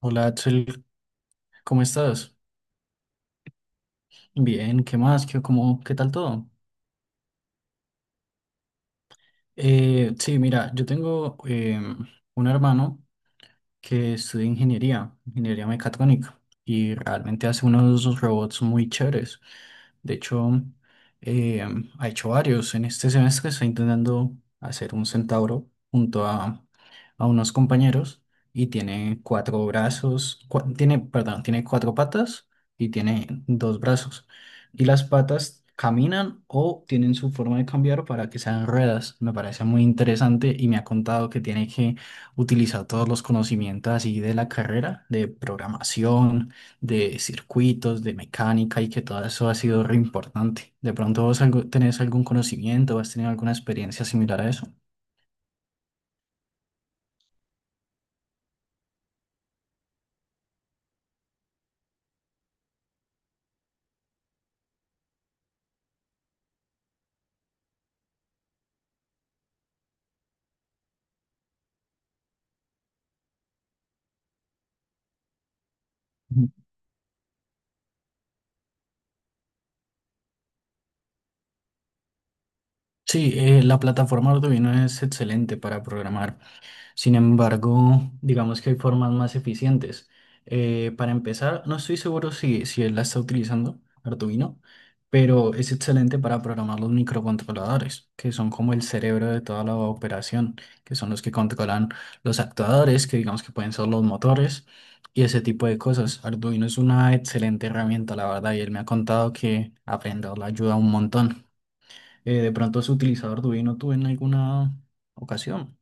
Hola Axel, ¿cómo estás? Bien, ¿qué más? ¿Qué tal todo? Sí, mira, yo tengo un hermano que estudié ingeniería, ingeniería mecatrónica, y realmente hace unos robots muy chéveres. De hecho, eh, ha hecho varios. En este semestre está intentando hacer un centauro a unos compañeros y tiene cuatro brazos, tiene, perdón, tiene cuatro patas y tiene dos brazos. Y las patas caminan o tienen su forma de cambiar para que sean ruedas. Me parece muy interesante y me ha contado que tiene que utilizar todos los conocimientos así de la carrera, de programación, de circuitos, de mecánica y que todo eso ha sido re importante. ¿De pronto tenés algún conocimiento, has tenido alguna experiencia similar a eso? Ujú. Sí, la plataforma Arduino es excelente para programar. Sin embargo, digamos que hay formas más eficientes. Para empezar, no estoy seguro si él la está utilizando, Arduino, pero es excelente para programar los microcontroladores, que son como el cerebro de toda la operación, que son los que controlan los actuadores, que digamos que pueden ser los motores y ese tipo de cosas. Arduino es una excelente herramienta, la verdad, y él me ha contado que aprenderla ayuda un montón. De pronto, ¿has utilizado Arduino tú en alguna ocasión?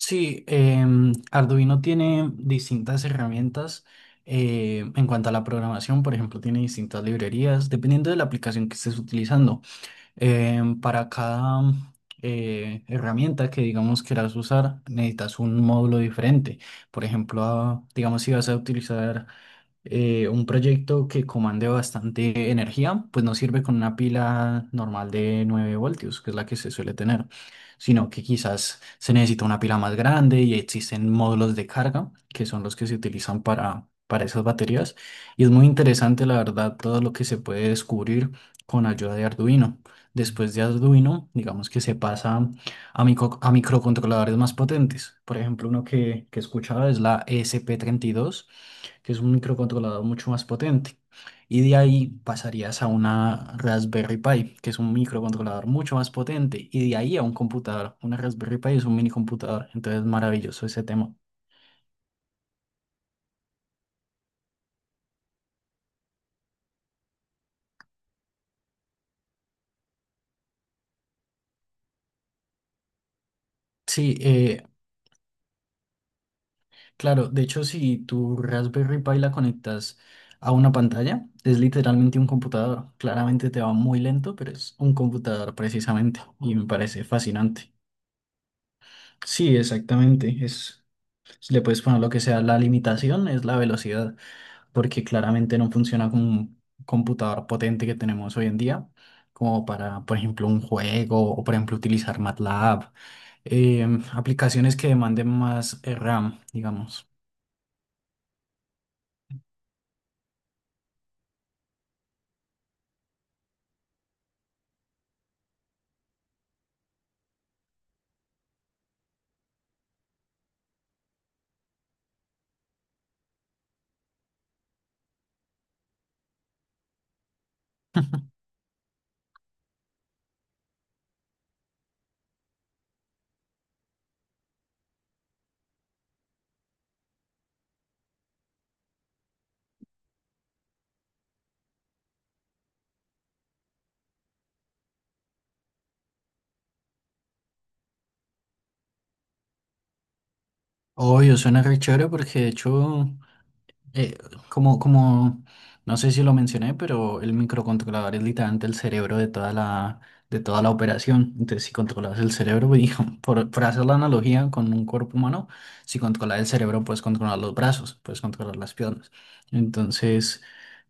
Sí, Arduino tiene distintas herramientas en cuanto a la programación, por ejemplo, tiene distintas librerías, dependiendo de la aplicación que estés utilizando. Para cada herramienta que digamos quieras usar, necesitas un módulo diferente. Por ejemplo, digamos si vas a utilizar un proyecto que comande bastante energía, pues no sirve con una pila normal de 9 voltios, que es la que se suele tener, sino que quizás se necesita una pila más grande y existen módulos de carga, que son los que se utilizan para esas baterías. Y es muy interesante, la verdad, todo lo que se puede descubrir con ayuda de Arduino. Después de Arduino, digamos que se pasa a microcontroladores más potentes. Por ejemplo, que escuchaba es la esp dos que es un microcontrolador mucho más potente. Y de ahí pasarías a una Raspberry Pi, que es un microcontrolador mucho más potente. Y de ahí a un computador. Una Raspberry Pi es un mini computador. Entonces, maravilloso ese tema. Sí, claro. De hecho, si tu Raspberry Pi la conectas a una pantalla, es literalmente un computador. Claramente te va muy lento, pero es un computador precisamente. Y me parece fascinante. Sí, exactamente. Es, le puedes poner lo que sea. La limitación es la velocidad, porque claramente no funciona con un computador potente que tenemos hoy en día, como para, por ejemplo, un juego o, por ejemplo, utilizar MATLAB, aplicaciones que demanden más RAM, digamos. Obvio, suena re chévere porque de hecho Eh, como, no sé si lo mencioné, pero el microcontrolador es literalmente el cerebro de de toda la operación. Entonces, si controlas el cerebro, pues, por hacer la analogía con un cuerpo humano, si controlas el cerebro, puedes controlar los brazos, puedes controlar las piernas. Entonces,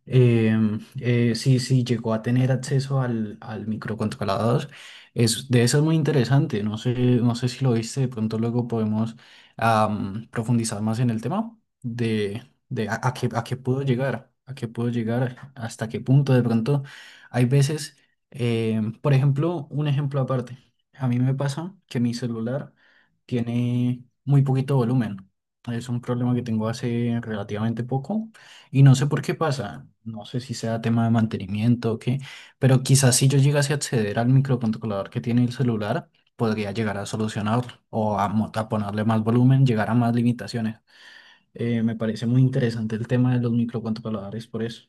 si llegó a tener acceso al microcontrolador, es, de eso es muy interesante. No sé, no sé si lo viste, de pronto luego podemos profundizar más en el tema. de a qué, a qué puedo llegar, hasta qué punto de pronto. Hay veces, por ejemplo, un ejemplo aparte. A mí me pasa que mi celular tiene muy poquito volumen. Es un problema que tengo hace relativamente poco y no sé por qué pasa. No sé si sea tema de mantenimiento o qué, pero quizás si yo llegase a acceder al microcontrolador que tiene el celular, podría llegar a solucionarlo a ponerle más volumen, llegar a más limitaciones. Me parece muy interesante el tema de los microcontroladores, por eso.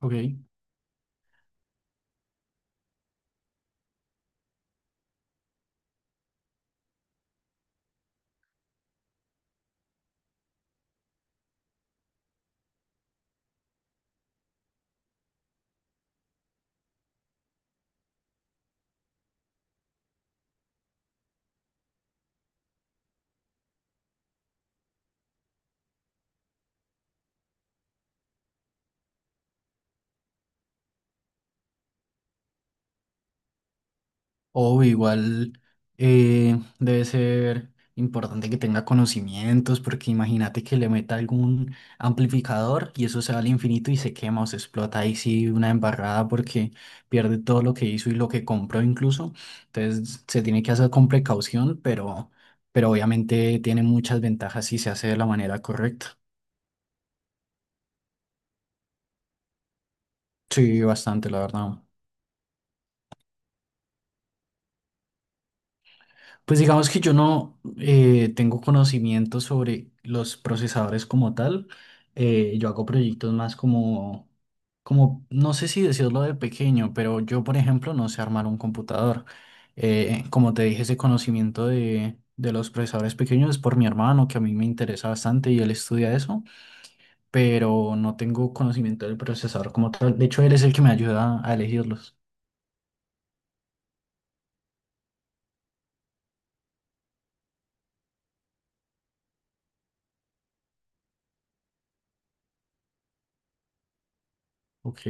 Ok. O igual debe ser importante que tenga conocimientos, porque imagínate que le meta algún amplificador y eso se va al infinito y se quema o se explota ahí sí una embarrada porque pierde todo lo que hizo y lo que compró incluso. Entonces se tiene que hacer con precaución, pero obviamente tiene muchas ventajas si se hace de la manera correcta. Sí, bastante, la verdad. Pues digamos que yo no tengo conocimiento sobre los procesadores como tal. Yo hago proyectos más como, no sé si decirlo de pequeño, pero yo, por ejemplo, no sé armar un computador. Como te dije, ese conocimiento de los procesadores pequeños es por mi hermano, que a mí me interesa bastante y él estudia eso, pero no tengo conocimiento del procesador como tal. De hecho, él es el que me ayuda a elegirlos. Ok,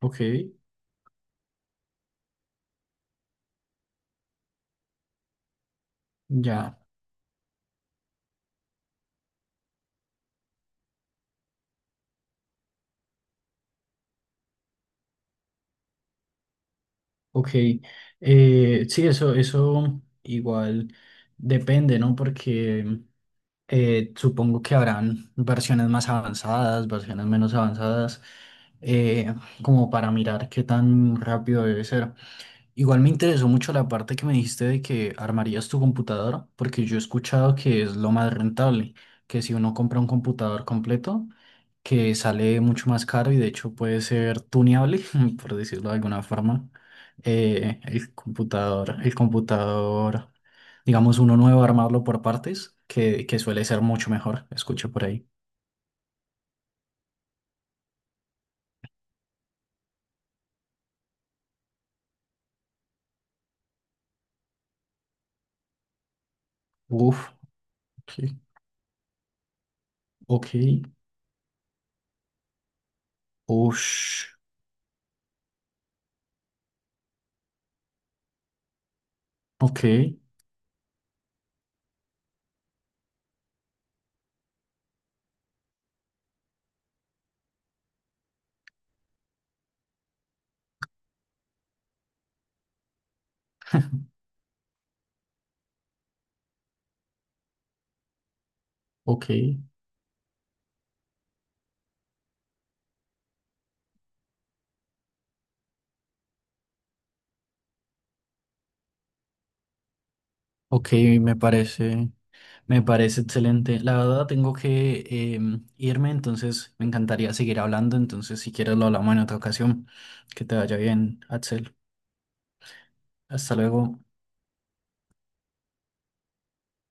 ok, ya. Ok, sí, eso igual depende, ¿no? Porque supongo que habrán versiones más avanzadas, versiones menos avanzadas, eh, como para mirar qué tan rápido debe ser. Igual me interesó mucho la parte que me dijiste de que armarías tu computadora, porque yo he escuchado que es lo más rentable, que si uno compra un computador completo, que sale mucho más caro y de hecho puede ser tuneable, por decirlo de alguna forma, el computador, digamos uno nuevo, armarlo por partes, que suele ser mucho mejor, escuché por ahí. Uf, ok, ok, ush, ok, ok, ok, me parece. Me parece excelente. La verdad, tengo que irme, entonces me encantaría seguir hablando. Entonces, si quieres, lo hablamos en otra ocasión. Que te vaya bien, Axel. Hasta luego.